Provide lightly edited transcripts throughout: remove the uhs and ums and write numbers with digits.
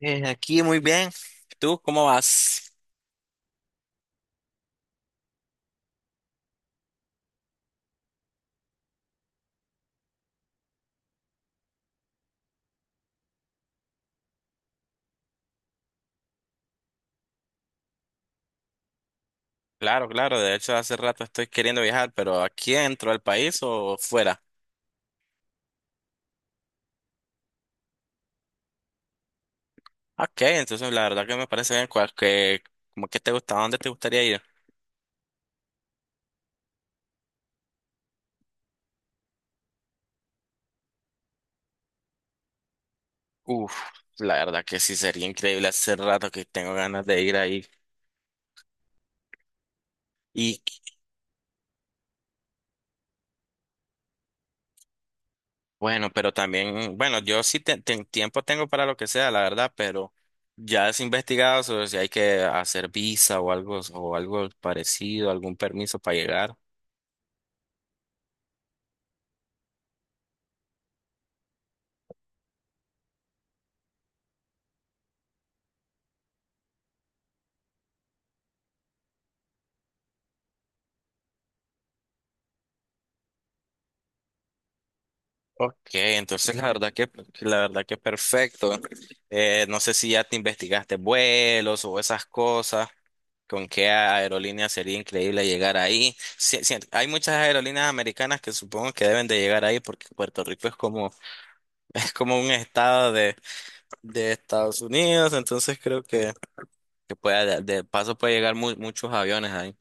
Aquí muy bien. ¿Tú cómo vas? Claro, claro, de hecho hace rato estoy queriendo viajar, pero aquí dentro del país o fuera. Ok, entonces la verdad que me parece bien como que te gusta, ¿a dónde te gustaría ir? Uf, la verdad que sí sería increíble, hace rato que tengo ganas de ir ahí. Y bueno, pero también, bueno, yo sí tiempo tengo para lo que sea, la verdad, pero ya has investigado sobre si hay que hacer visa o algo parecido, algún permiso para llegar. Que entonces la verdad que perfecto. No sé si ya te investigaste vuelos o esas cosas. ¿Con qué aerolínea sería increíble llegar ahí? Sí, sí, hay muchas aerolíneas americanas que supongo que deben de llegar ahí porque Puerto Rico es como es como un estado de Estados Unidos, entonces creo que puede, de paso puede llegar muchos aviones ahí.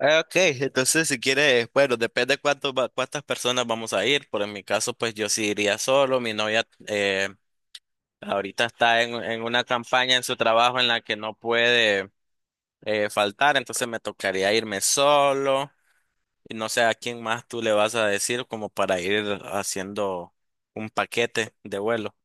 Ah, ok, entonces si quieres, bueno, depende cuánto, cuántas personas vamos a ir. Por en mi caso, pues yo sí iría solo. Mi novia ahorita está en una campaña en su trabajo en la que no puede faltar, entonces me tocaría irme solo. Y no sé a quién más tú le vas a decir como para ir haciendo un paquete de vuelo.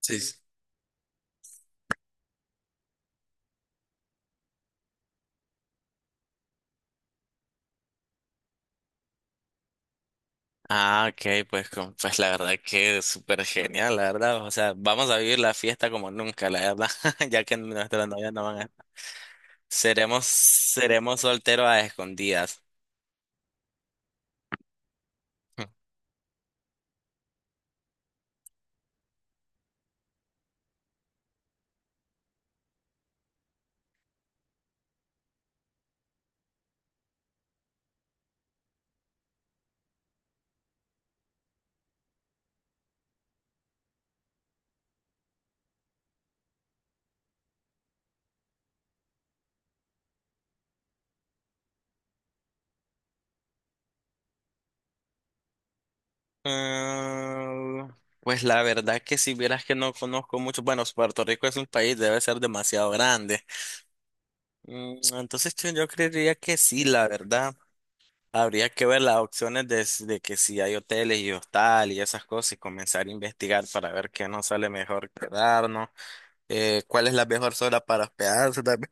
Sí, sí. Ah, ok, pues, pues la verdad que es súper genial, la verdad. O sea, vamos a vivir la fiesta como nunca, la verdad, ya que nuestras novias no van a seremos solteros a escondidas. Ah, pues la verdad que si vieras que no conozco mucho, bueno, Puerto Rico es un país, debe ser demasiado grande. Mm, entonces yo creería que sí, la verdad. Habría que ver las opciones de que si hay hoteles y hostal y esas cosas y comenzar a investigar para ver qué nos sale mejor quedarnos, cuál es la mejor zona para hospedarse también,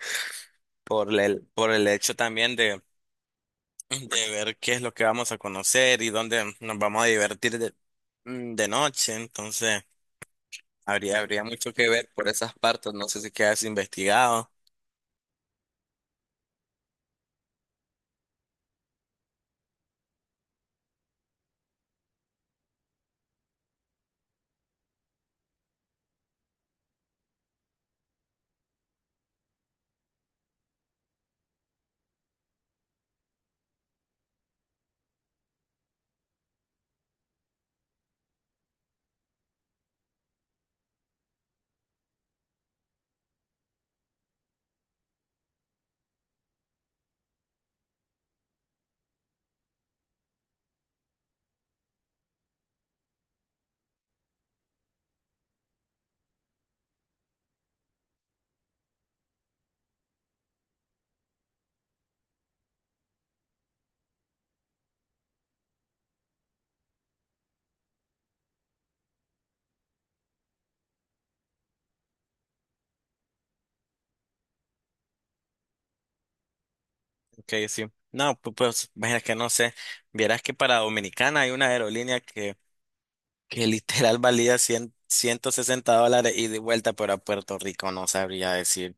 por el hecho también de ver qué es lo que vamos a conocer y dónde nos vamos a divertir de, mm, de noche. Entonces, habría mucho que ver por esas partes. No sé si quedas investigado. Ok, sí. No, pues, imagina que no sé. Vieras que para Dominicana hay una aerolínea que literal valía $160 y de vuelta, pero a Puerto Rico no sabría decir.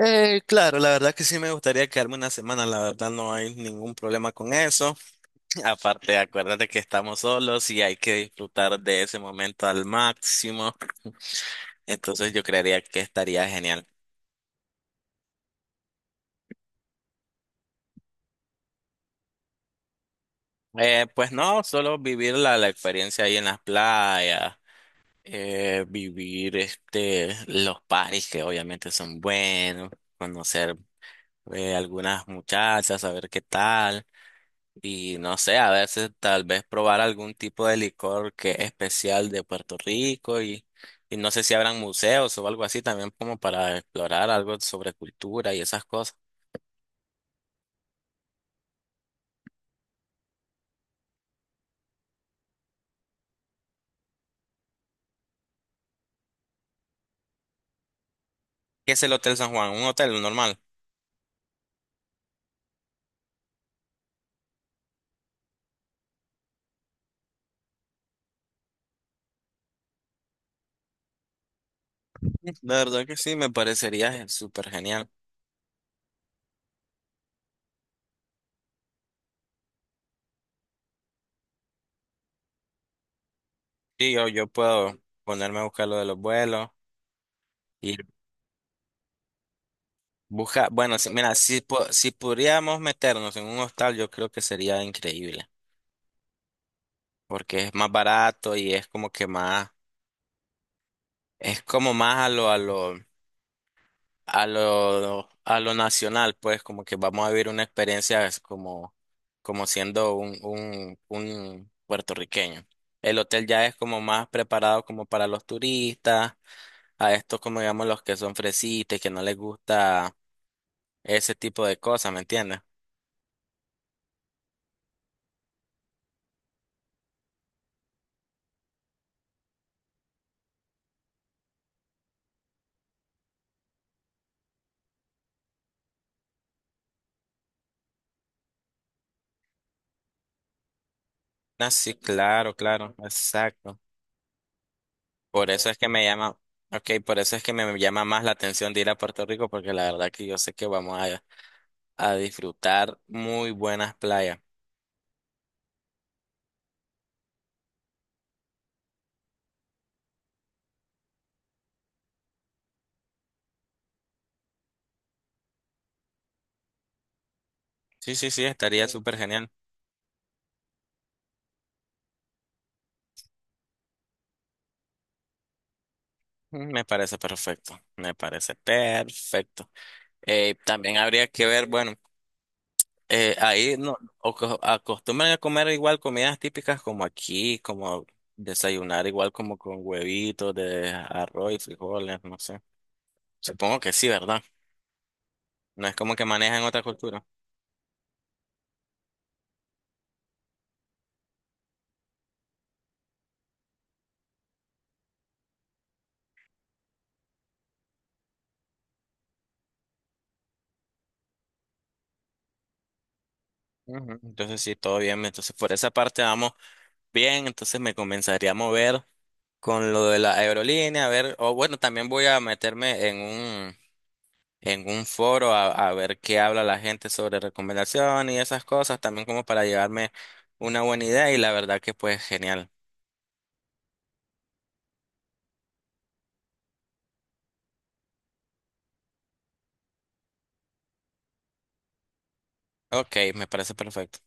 Claro, la verdad que sí me gustaría quedarme una semana, la verdad no hay ningún problema con eso. Aparte, acuérdate que estamos solos y hay que disfrutar de ese momento al máximo. Entonces yo creería que estaría genial. Pues no, solo vivir la experiencia ahí en las playas, vivir este, los paris que obviamente son buenos, conocer algunas muchachas, saber qué tal. Y no sé, a veces tal vez probar algún tipo de licor que es especial de Puerto Rico y no sé si habrán museos o algo así también como para explorar algo sobre cultura y esas cosas. ¿Qué es el Hotel San Juan? ¿Un hotel normal? La verdad que sí, me parecería súper genial. Sí, yo puedo ponerme a buscar lo de los vuelos y buscar, bueno, mira, si, si podríamos meternos en un hostal, yo creo que sería increíble, porque es más barato y es como que más, es como más a lo a lo nacional, pues como que vamos a vivir una experiencia es como, como siendo un puertorriqueño. El hotel ya es como más preparado como para los turistas, a estos como digamos los que son fresitas, y que no les gusta ese tipo de cosas, ¿me entiendes? Ah, sí, claro, claro, exacto. Por eso es que me llama, ok, por eso es que me llama más la atención de ir a Puerto Rico, porque la verdad que yo sé que vamos a disfrutar muy buenas playas. Sí, sí, sí, estaría súper genial. Mm, me parece perfecto, me parece perfecto. También habría que ver, bueno, ahí no o acostumbran a comer igual comidas típicas como aquí, como desayunar igual como con huevitos de arroz y frijoles, no sé. Supongo que sí, ¿verdad? No es como que manejan otra cultura. Ujú. Entonces sí, todo bien. Entonces por esa parte vamos bien. Entonces me comenzaría a mover con lo de la aerolínea, a ver, o bueno, también voy a meterme en un foro a ver qué habla la gente sobre recomendación y esas cosas, también como para llevarme una buena idea y la verdad que pues genial. Ok, me parece perfecto.